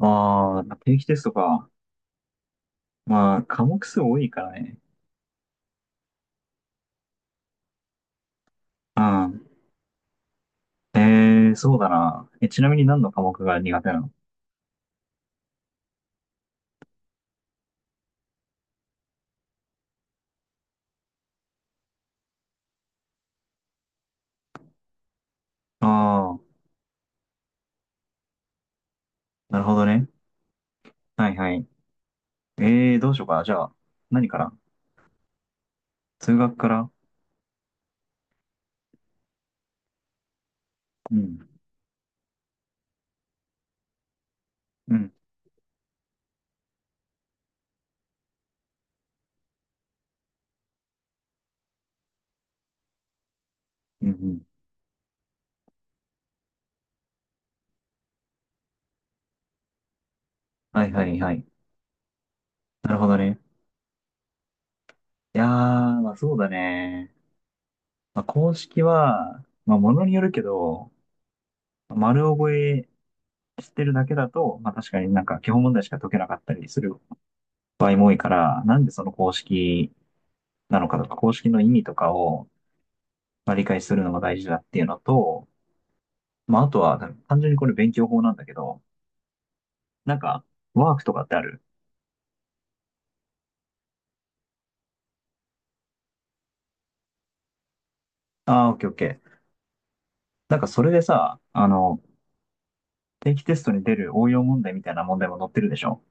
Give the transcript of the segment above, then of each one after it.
ああ、定期テストか。まあ、科目数多いからね。うん。そうだな。ちなみに何の科目が苦手なの？ああー、なるほどね。はいはい。どうしようかな。じゃあ、何から数学から？うん。うん。うんうん。はいはいはい。なるほどね。いやー、まあそうだね。まあ、公式は、まあものによるけど、丸覚えしてるだけだと、まあ確かになんか基本問題しか解けなかったりする場合も多いから、なんでその公式なのかとか、公式の意味とかを、まあ、理解するのが大事だっていうのと、まあ、あとは、単純にこれ勉強法なんだけど、なんか、ワークとかってある？ああ、オッケーオッケー。なんかそれでさ、定期テストに出る応用問題みたいな問題も載ってるでしょ？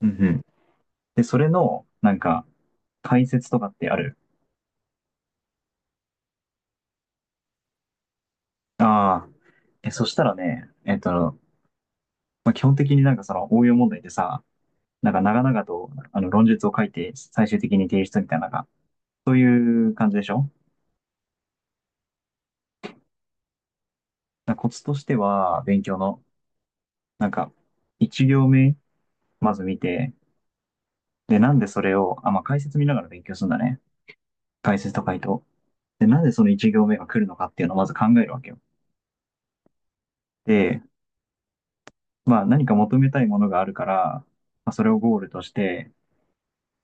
うんうん。で、それの、なんか、解説とかってある？ああ。そしたらね、まあ、基本的になんかその応用問題でさ、なんか長々とあの論述を書いて最終的に提出みたいなのが、そういう感じでしょ？なコツとしては、勉強の、なんか、一行目、まず見て、で、なんでそれを、あ、まあ、解説見ながら勉強するんだね。解説と回答。で、なんでその一行目が来るのかっていうのをまず考えるわけよ。で、まあ、何か求めたいものがあるから、まあ、それをゴールとして、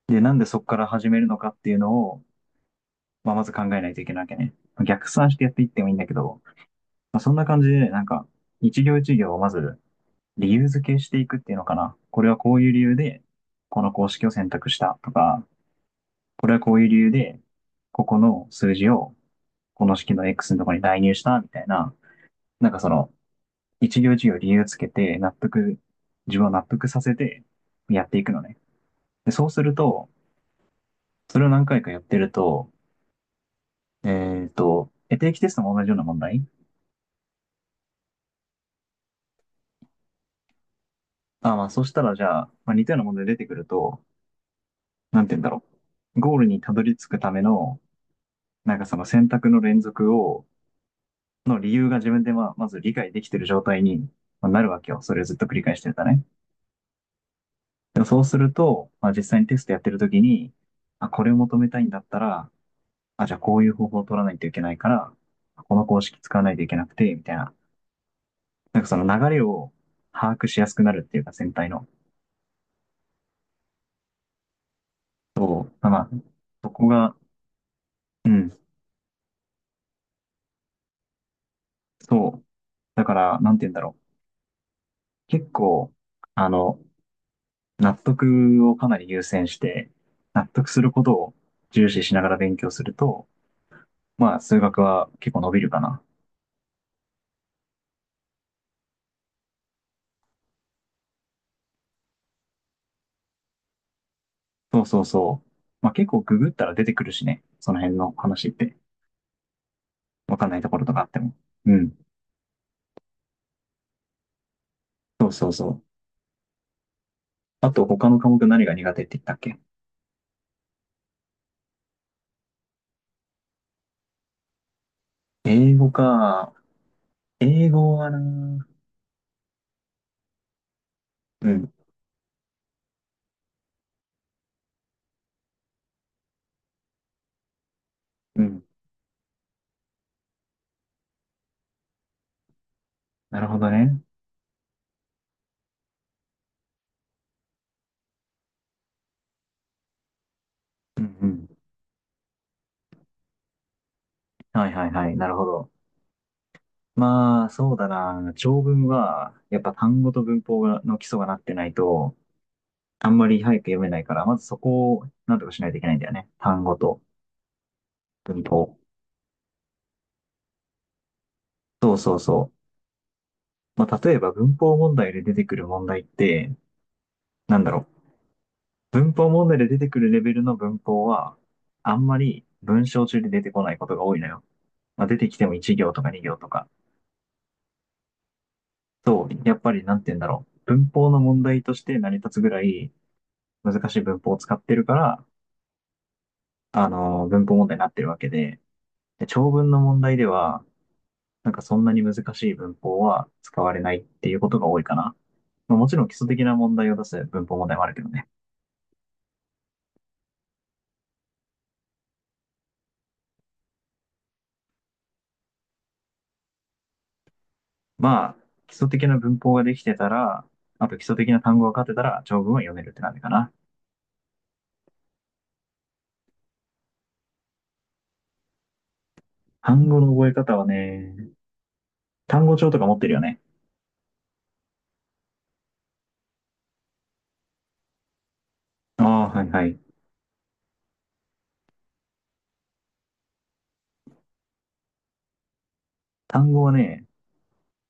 で、なんでそこから始めるのかっていうのを、まあ、まず考えないといけないわけね。逆算してやっていってもいいんだけど、まあ、そんな感じで、なんか、一行一行をまず理由付けしていくっていうのかな。これはこういう理由で、この公式を選択したとか、これはこういう理由で、ここの数字をこの式の X のところに代入したみたいな、なんかその、一行一行理由つけて、納得、自分を納得させてやっていくのね。でそうすると、それを何回かやってると、えっ、と、定期テストも同じような問題。あ、まあ、そしたらじゃあ、まあ、似たような問題出てくると、なんて言うんだろう。ゴールにたどり着くための、なんかその選択の連続をの理由が自分でまあ、まず理解できてる状態にまあなるわけよ。それをずっと繰り返してるとね。でもそうすると、まあ、実際にテストやってる時に、あ、これを求めたいんだったら、あ、じゃあこういう方法を取らないといけないから、この公式使わないといけなくて、みたいな。なんかその流れを把握しやすくなるっていうか、全体の。そう。まあ、そこが、うん、そう。だから、なんて言うんだろう。結構、あの、納得をかなり優先して、納得することを重視しながら勉強すると、まあ、数学は結構伸びるかな。そうそうそう。まあ、結構ググったら出てくるしね。その辺の話って。わかんないところとかあっても。うん。そうそうそう。あと、他の科目何が苦手って言ったっけ？英語か。英語はな。うん。うん。なるほどね。うんうん。はいはいはい。なるほど。まあ、そうだな。長文は、やっぱ単語と文法がの基礎がなってないと、あんまり早く読めないから、まずそこをなんとかしないといけないんだよね。単語と文法。そうそうそう。まあ、例えば文法問題で出てくる問題って、なんだろう。文法問題で出てくるレベルの文法は、あんまり文章中で出てこないことが多いのよ。まあ、出てきても1行とか2行とか。そう、やっぱりなんて言うんだろう。文法の問題として成り立つぐらい難しい文法を使ってるから、あの文法問題になってるわけで、で、長文の問題では、なんかそんなに難しい文法は使われないっていうことが多いかな。まあ、もちろん基礎的な問題を出す文法問題もあるけどね。まあ、基礎的な文法ができてたら、あと基礎的な単語が勝てたら、長文は読めるって感じかな。単語の覚え方はね、単語帳とか持ってるよね。ああ、はいはい。単語はね、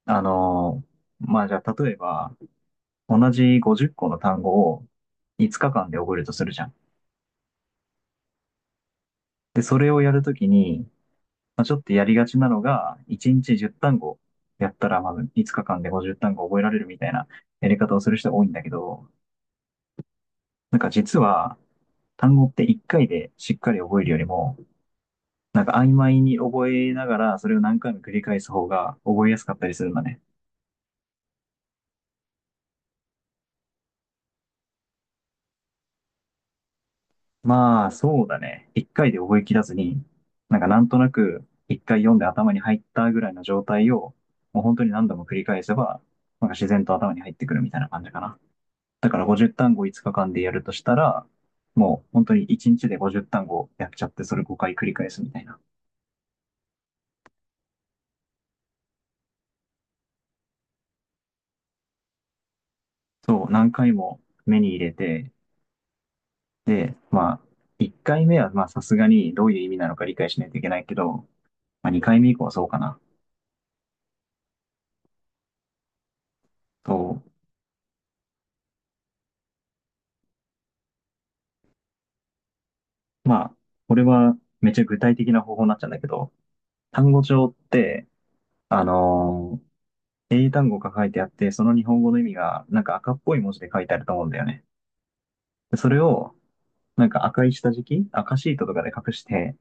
あのーまあじゃあ例えば、同じ50個の単語を5日間で覚えるとするじゃん。で、それをやるときに、まあ、ちょっとやりがちなのが、1日10単語やったら、まず5日間で50単語覚えられるみたいなやり方をする人が多いんだけど、なんか実は、単語って一回でしっかり覚えるよりも、なんか曖昧に覚えながら、それを何回も繰り返す方が覚えやすかったりするんだね。まあ、そうだね。一回で覚えきらずに、なんかなんとなく一回読んで頭に入ったぐらいの状態を、もう本当に何度も繰り返せば、なんか自然と頭に入ってくるみたいな感じかな。だから50単語5日間でやるとしたら、もう本当に1日で50単語やっちゃって、それ5回繰り返すみたいな。そう、何回も目に入れて、で、まあ、1回目は、まあ、さすがにどういう意味なのか理解しないといけないけど、まあ、2回目以降はそうかな。と、まあ、これはめっちゃ具体的な方法になっちゃうんだけど、単語帳って、あのー英単語が書いてあって、その日本語の意味が、なんか赤っぽい文字で書いてあると思うんだよね。でそれを、なんか赤い下敷き赤シートとかで隠して、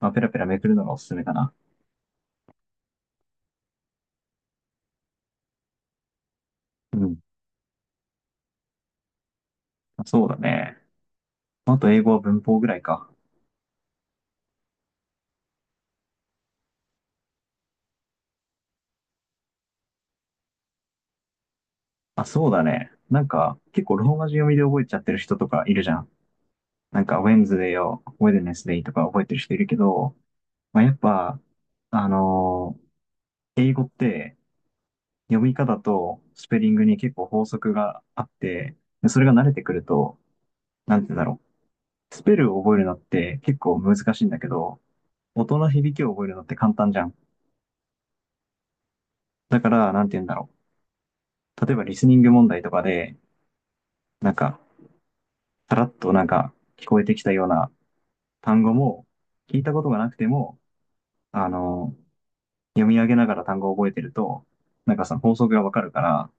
まあ、ペラペラめくるのがおすすめかな。うん。そうだね。あと英語は文法ぐらいか。あ、そうだね。なんか、結構ローマ字読みで覚えちゃってる人とかいるじゃん。なんか、ウェンズデーを、ウェデネスデイとか覚えてる人いるけど、まあ、やっぱ、あのー英語って読み方とスペリングに結構法則があって、でそれが慣れてくると、なんて言うんだろう。スペルを覚えるのって結構難しいんだけど、音の響きを覚えるのって簡単じゃん。だから、なんて言うんだろう。例えば、リスニング問題とかで、なんか、さらっとなんか、聞こえてきたような単語も聞いたことがなくても、あの、読み上げながら単語を覚えてると、なんかその法則がわかるから、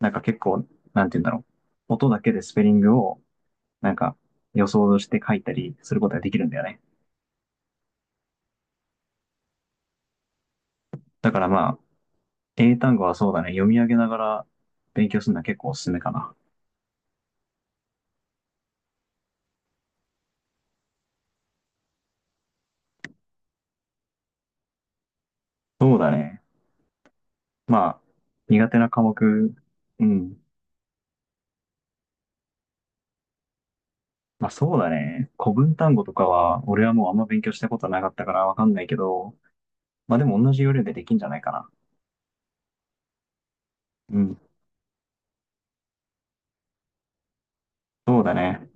なんか結構、なんて言うんだろう。音だけでスペリングを、なんか予想して書いたりすることができるんだよね。だからまあ、英単語はそうだね。読み上げながら勉強するのは結構おすすめかな。そうだね。まあ、苦手な科目、うん。まあそうだね。古文単語とかは、俺はもうあんま勉強したことなかったからわかんないけど、まあでも同じ要領でできんじゃないかな。うん、そうだね。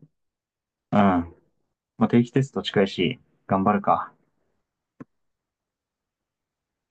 うん。まあ、定期テスト近いし、頑張るか。